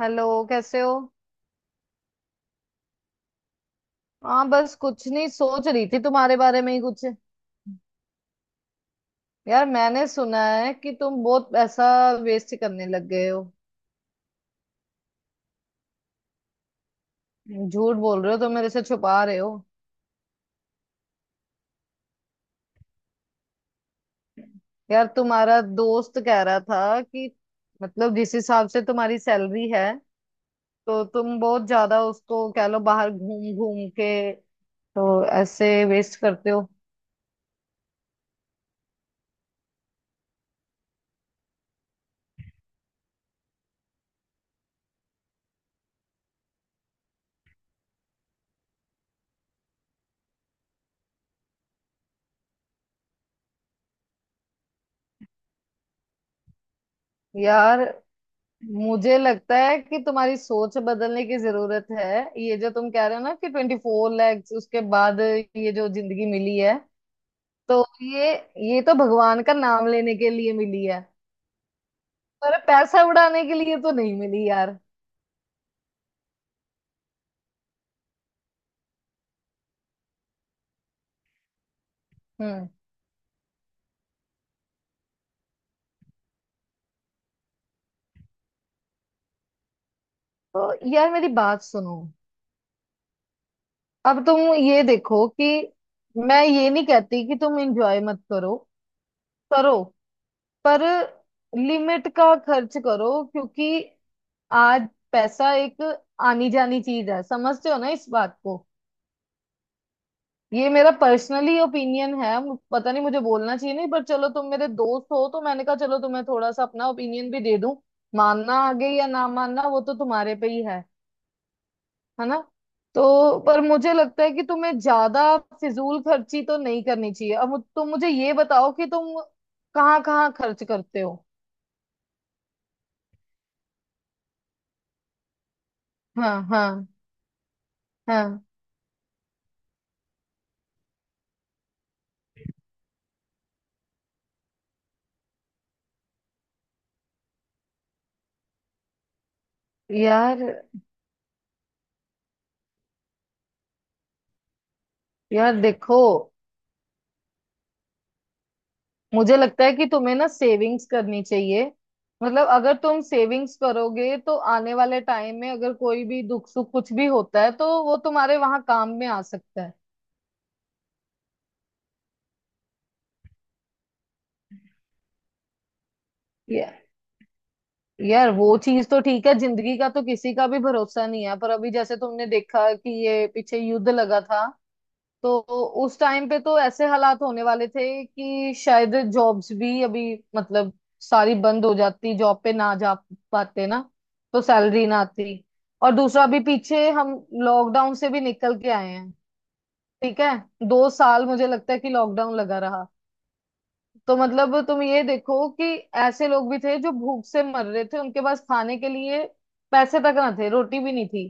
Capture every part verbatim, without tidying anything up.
Hello. कैसे हो? हाँ, बस कुछ नहीं, सोच रही थी तुम्हारे बारे में ही कुछ। यार मैंने सुना है कि तुम बहुत पैसा वेस्ट करने लग गए हो। झूठ बोल रहे हो तो मेरे से छुपा रहे हो। यार, तुम्हारा दोस्त कह रहा था कि मतलब जिस हिसाब से तुम्हारी सैलरी है तो तुम बहुत ज्यादा, उसको कह लो, बाहर घूम घूम के तो ऐसे वेस्ट करते हो। यार, मुझे लगता है कि तुम्हारी सोच बदलने की जरूरत है। ये जो तुम कह रहे हो ना कि ट्वेंटी फोर लैक्स उसके बाद ये जो जिंदगी मिली है तो ये ये तो भगवान का नाम लेने के लिए मिली है, पर पैसा उड़ाने के लिए तो नहीं मिली यार। हम्म। तो यार मेरी बात सुनो। अब तुम ये देखो कि मैं ये नहीं कहती कि तुम एंजॉय मत करो, करो, पर लिमिट का खर्च करो, क्योंकि आज पैसा एक आनी जानी चीज है, समझते हो ना इस बात को? ये मेरा पर्सनली ओपिनियन है, मु- पता नहीं मुझे बोलना चाहिए नहीं, पर चलो तुम मेरे दोस्त हो तो मैंने कहा चलो तुम्हें थोड़ा सा अपना ओपिनियन भी दे दूं। मानना आगे या ना मानना वो तो तुम्हारे पे ही है है ना? तो पर मुझे लगता है कि तुम्हें ज्यादा फिजूल खर्ची तो नहीं करनी चाहिए। अब तुम मुझे ये बताओ कि तुम कहाँ कहाँ खर्च करते हो? हाँ, हाँ, हाँ। यार, यार देखो, मुझे लगता है कि तुम्हें ना सेविंग्स करनी चाहिए। मतलब अगर तुम सेविंग्स करोगे तो आने वाले टाइम में अगर कोई भी दुख सुख कुछ भी होता है तो वो तुम्हारे वहां काम में आ सकता है। या, यार, वो चीज तो ठीक है, जिंदगी का तो किसी का भी भरोसा नहीं है, पर अभी जैसे तुमने देखा कि ये पीछे युद्ध लगा था तो उस टाइम पे तो ऐसे हालात होने वाले थे कि शायद जॉब्स भी अभी मतलब सारी बंद हो जाती, जॉब पे ना जा पाते ना, तो सैलरी ना आती। और दूसरा भी पीछे हम लॉकडाउन से भी निकल के आए हैं। ठीक है, दो साल मुझे लगता है कि लॉकडाउन लगा रहा। तो मतलब तुम ये देखो कि ऐसे लोग भी थे जो भूख से मर रहे थे, उनके पास खाने के लिए पैसे तक ना थे, रोटी भी नहीं थी।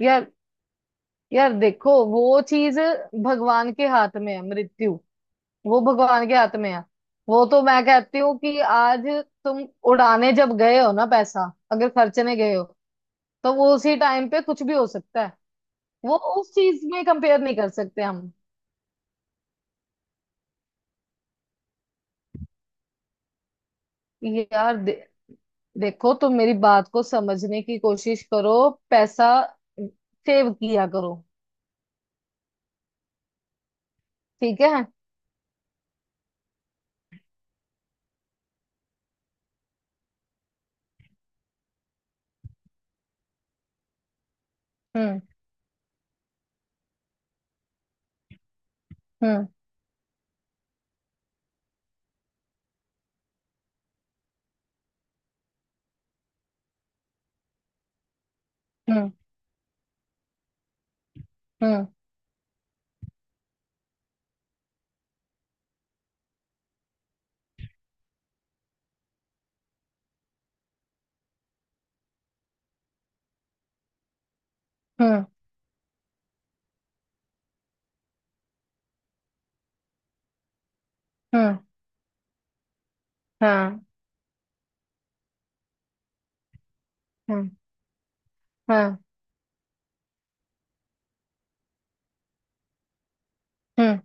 यार, यार देखो, वो चीज भगवान के हाथ में है, मृत्यु, वो भगवान के हाथ में है। वो तो मैं कहती हूँ कि आज तुम उड़ाने जब गए हो ना पैसा, अगर खर्चने गए हो, तो वो उसी टाइम पे कुछ भी हो सकता है। वो उस चीज में कंपेयर नहीं कर सकते हम। ये यार दे, देखो, तुम मेरी बात को समझने की कोशिश करो, पैसा सेव किया करो, ठीक है? हम्म। हम्म। हम्म। हम्म। हम्म। हम्म। हाँ, हाँ, हाँ, हाँ।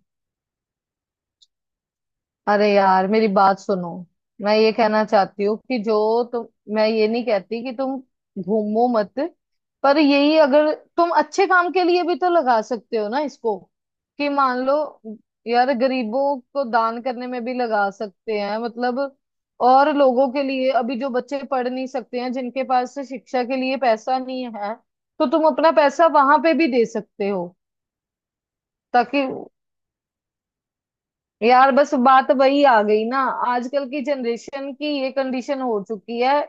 अरे यार मेरी बात सुनो। मैं ये कहना चाहती हूँ कि जो तुम, मैं ये नहीं कहती कि तुम घूमो मत, पर यही अगर तुम अच्छे काम के लिए भी तो लगा सकते हो ना इसको, कि मान लो, यार गरीबों को दान करने में भी लगा सकते हैं, मतलब और लोगों के लिए, अभी जो बच्चे पढ़ नहीं सकते हैं जिनके पास से शिक्षा के लिए पैसा नहीं है तो तुम अपना पैसा वहां पे भी दे सकते हो, ताकि... यार बस बात वही आ गई ना। आजकल की जनरेशन की ये कंडीशन हो चुकी है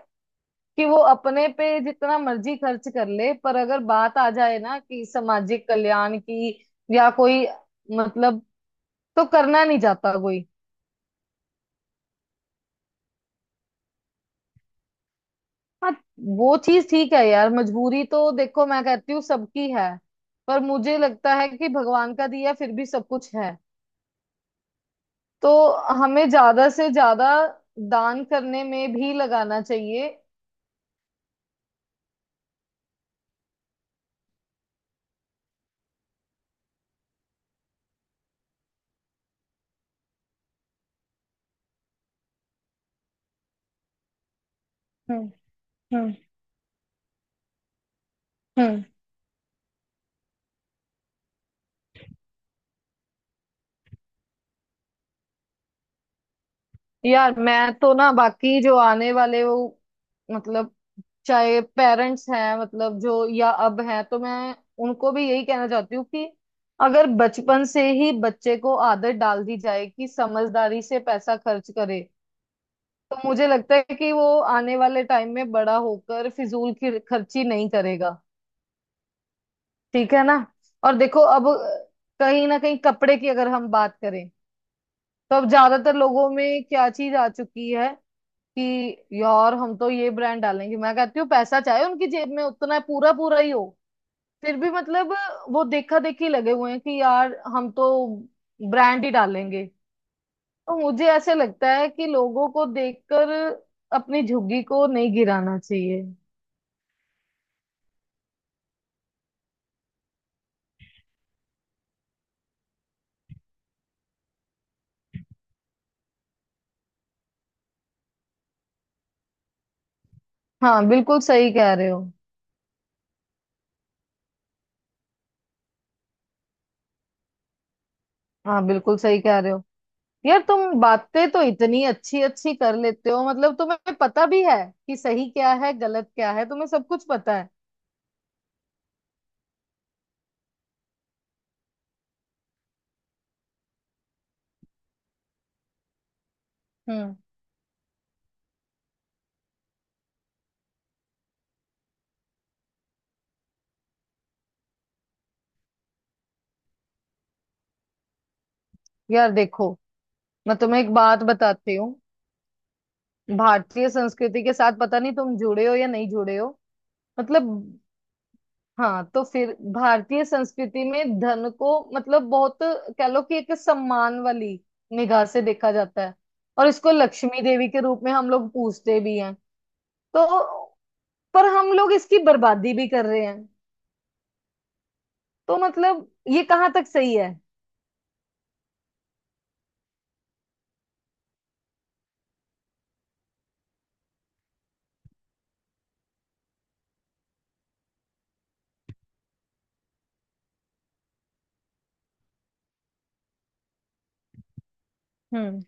कि वो अपने पे जितना मर्जी खर्च कर ले, पर अगर बात आ जाए ना कि सामाजिक कल्याण की या कोई, मतलब, तो करना नहीं चाहता कोई। हाँ, वो चीज ठीक है यार, मजबूरी तो देखो मैं कहती हूँ सबकी है, पर मुझे लगता है कि भगवान का दिया फिर भी सब कुछ है, तो हमें ज्यादा से ज्यादा दान करने में भी लगाना चाहिए। हम्म। हम्म। यार, मैं तो ना, बाकी जो आने वाले, वो मतलब चाहे पेरेंट्स हैं, मतलब जो या अब हैं, तो मैं उनको भी यही कहना चाहती हूँ कि अगर बचपन से ही बच्चे को आदत डाल दी जाए कि समझदारी से पैसा खर्च करे तो मुझे लगता है कि वो आने वाले टाइम में बड़ा होकर फिजूल की खर्ची नहीं करेगा। ठीक है ना? और देखो अब, कहीं ना कहीं कपड़े की अगर हम बात करें तो अब ज्यादातर लोगों में क्या चीज आ चुकी है कि यार हम तो ये ब्रांड डालेंगे। मैं कहती हूँ पैसा चाहे उनकी जेब में उतना पूरा पूरा ही हो, फिर भी मतलब वो देखा देखी लगे हुए हैं कि यार हम तो ब्रांड ही डालेंगे। तो मुझे ऐसे लगता है कि लोगों को देखकर अपनी झुग्गी को नहीं गिराना चाहिए। हाँ, बिल्कुल सही कह रहे हो। हाँ, बिल्कुल सही कह रहे हो। यार तुम बातें तो इतनी अच्छी अच्छी कर लेते हो, मतलब तुम्हें पता भी है कि सही क्या है गलत क्या है, तुम्हें सब कुछ पता है। हम्म। यार देखो, मैं तुम्हें एक बात बताती हूँ। भारतीय संस्कृति के साथ पता नहीं तुम जुड़े हो या नहीं जुड़े हो, मतलब। हाँ, तो फिर भारतीय संस्कृति में धन को, मतलब बहुत, कह लो कि एक सम्मान वाली निगाह से देखा जाता है, और इसको लक्ष्मी देवी के रूप में हम लोग पूजते भी हैं, तो पर हम लोग इसकी बर्बादी भी कर रहे हैं, तो मतलब ये कहाँ तक सही है? हम्म।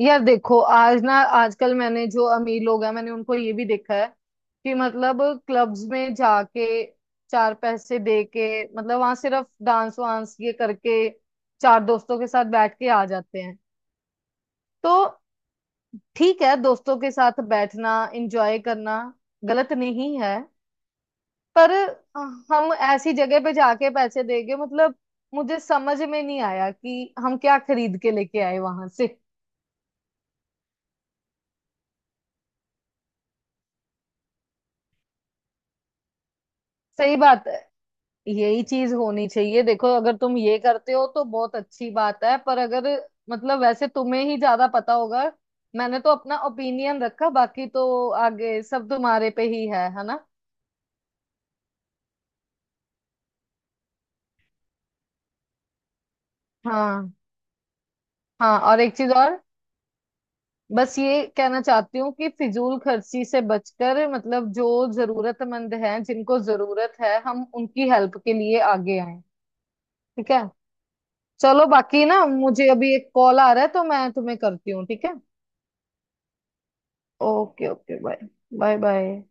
यार देखो, आज ना, आजकल मैंने जो अमीर लोग हैं मैंने उनको ये भी देखा है कि मतलब क्लब्स में जाके चार पैसे दे के मतलब वहां सिर्फ डांस वांस ये करके चार दोस्तों के साथ बैठ के आ जाते हैं। तो ठीक है, दोस्तों के साथ बैठना, एंजॉय करना गलत नहीं है। पर अ, हम ऐसी जगह पे जाके पैसे देंगे, मतलब मुझे समझ में नहीं आया कि हम क्या खरीद के लेके आए वहां से। सही बात है, यही चीज होनी चाहिए। देखो अगर तुम ये करते हो तो बहुत अच्छी बात है, पर अगर, मतलब वैसे तुम्हें ही ज्यादा पता होगा। मैंने तो अपना ओपिनियन रखा, बाकी तो आगे सब तुम्हारे पे ही है है ना? हाँ, हाँ। और एक चीज और, बस ये कहना चाहती हूँ कि फिजूल खर्ची से बचकर, मतलब जो जरूरतमंद हैं, जिनको जरूरत है, हम उनकी हेल्प के लिए आगे आए। ठीक है? चलो, बाकी ना, मुझे अभी एक कॉल आ रहा है तो मैं तुम्हें करती हूँ, ठीक है? Okay, okay. Bye. Bye. Bye.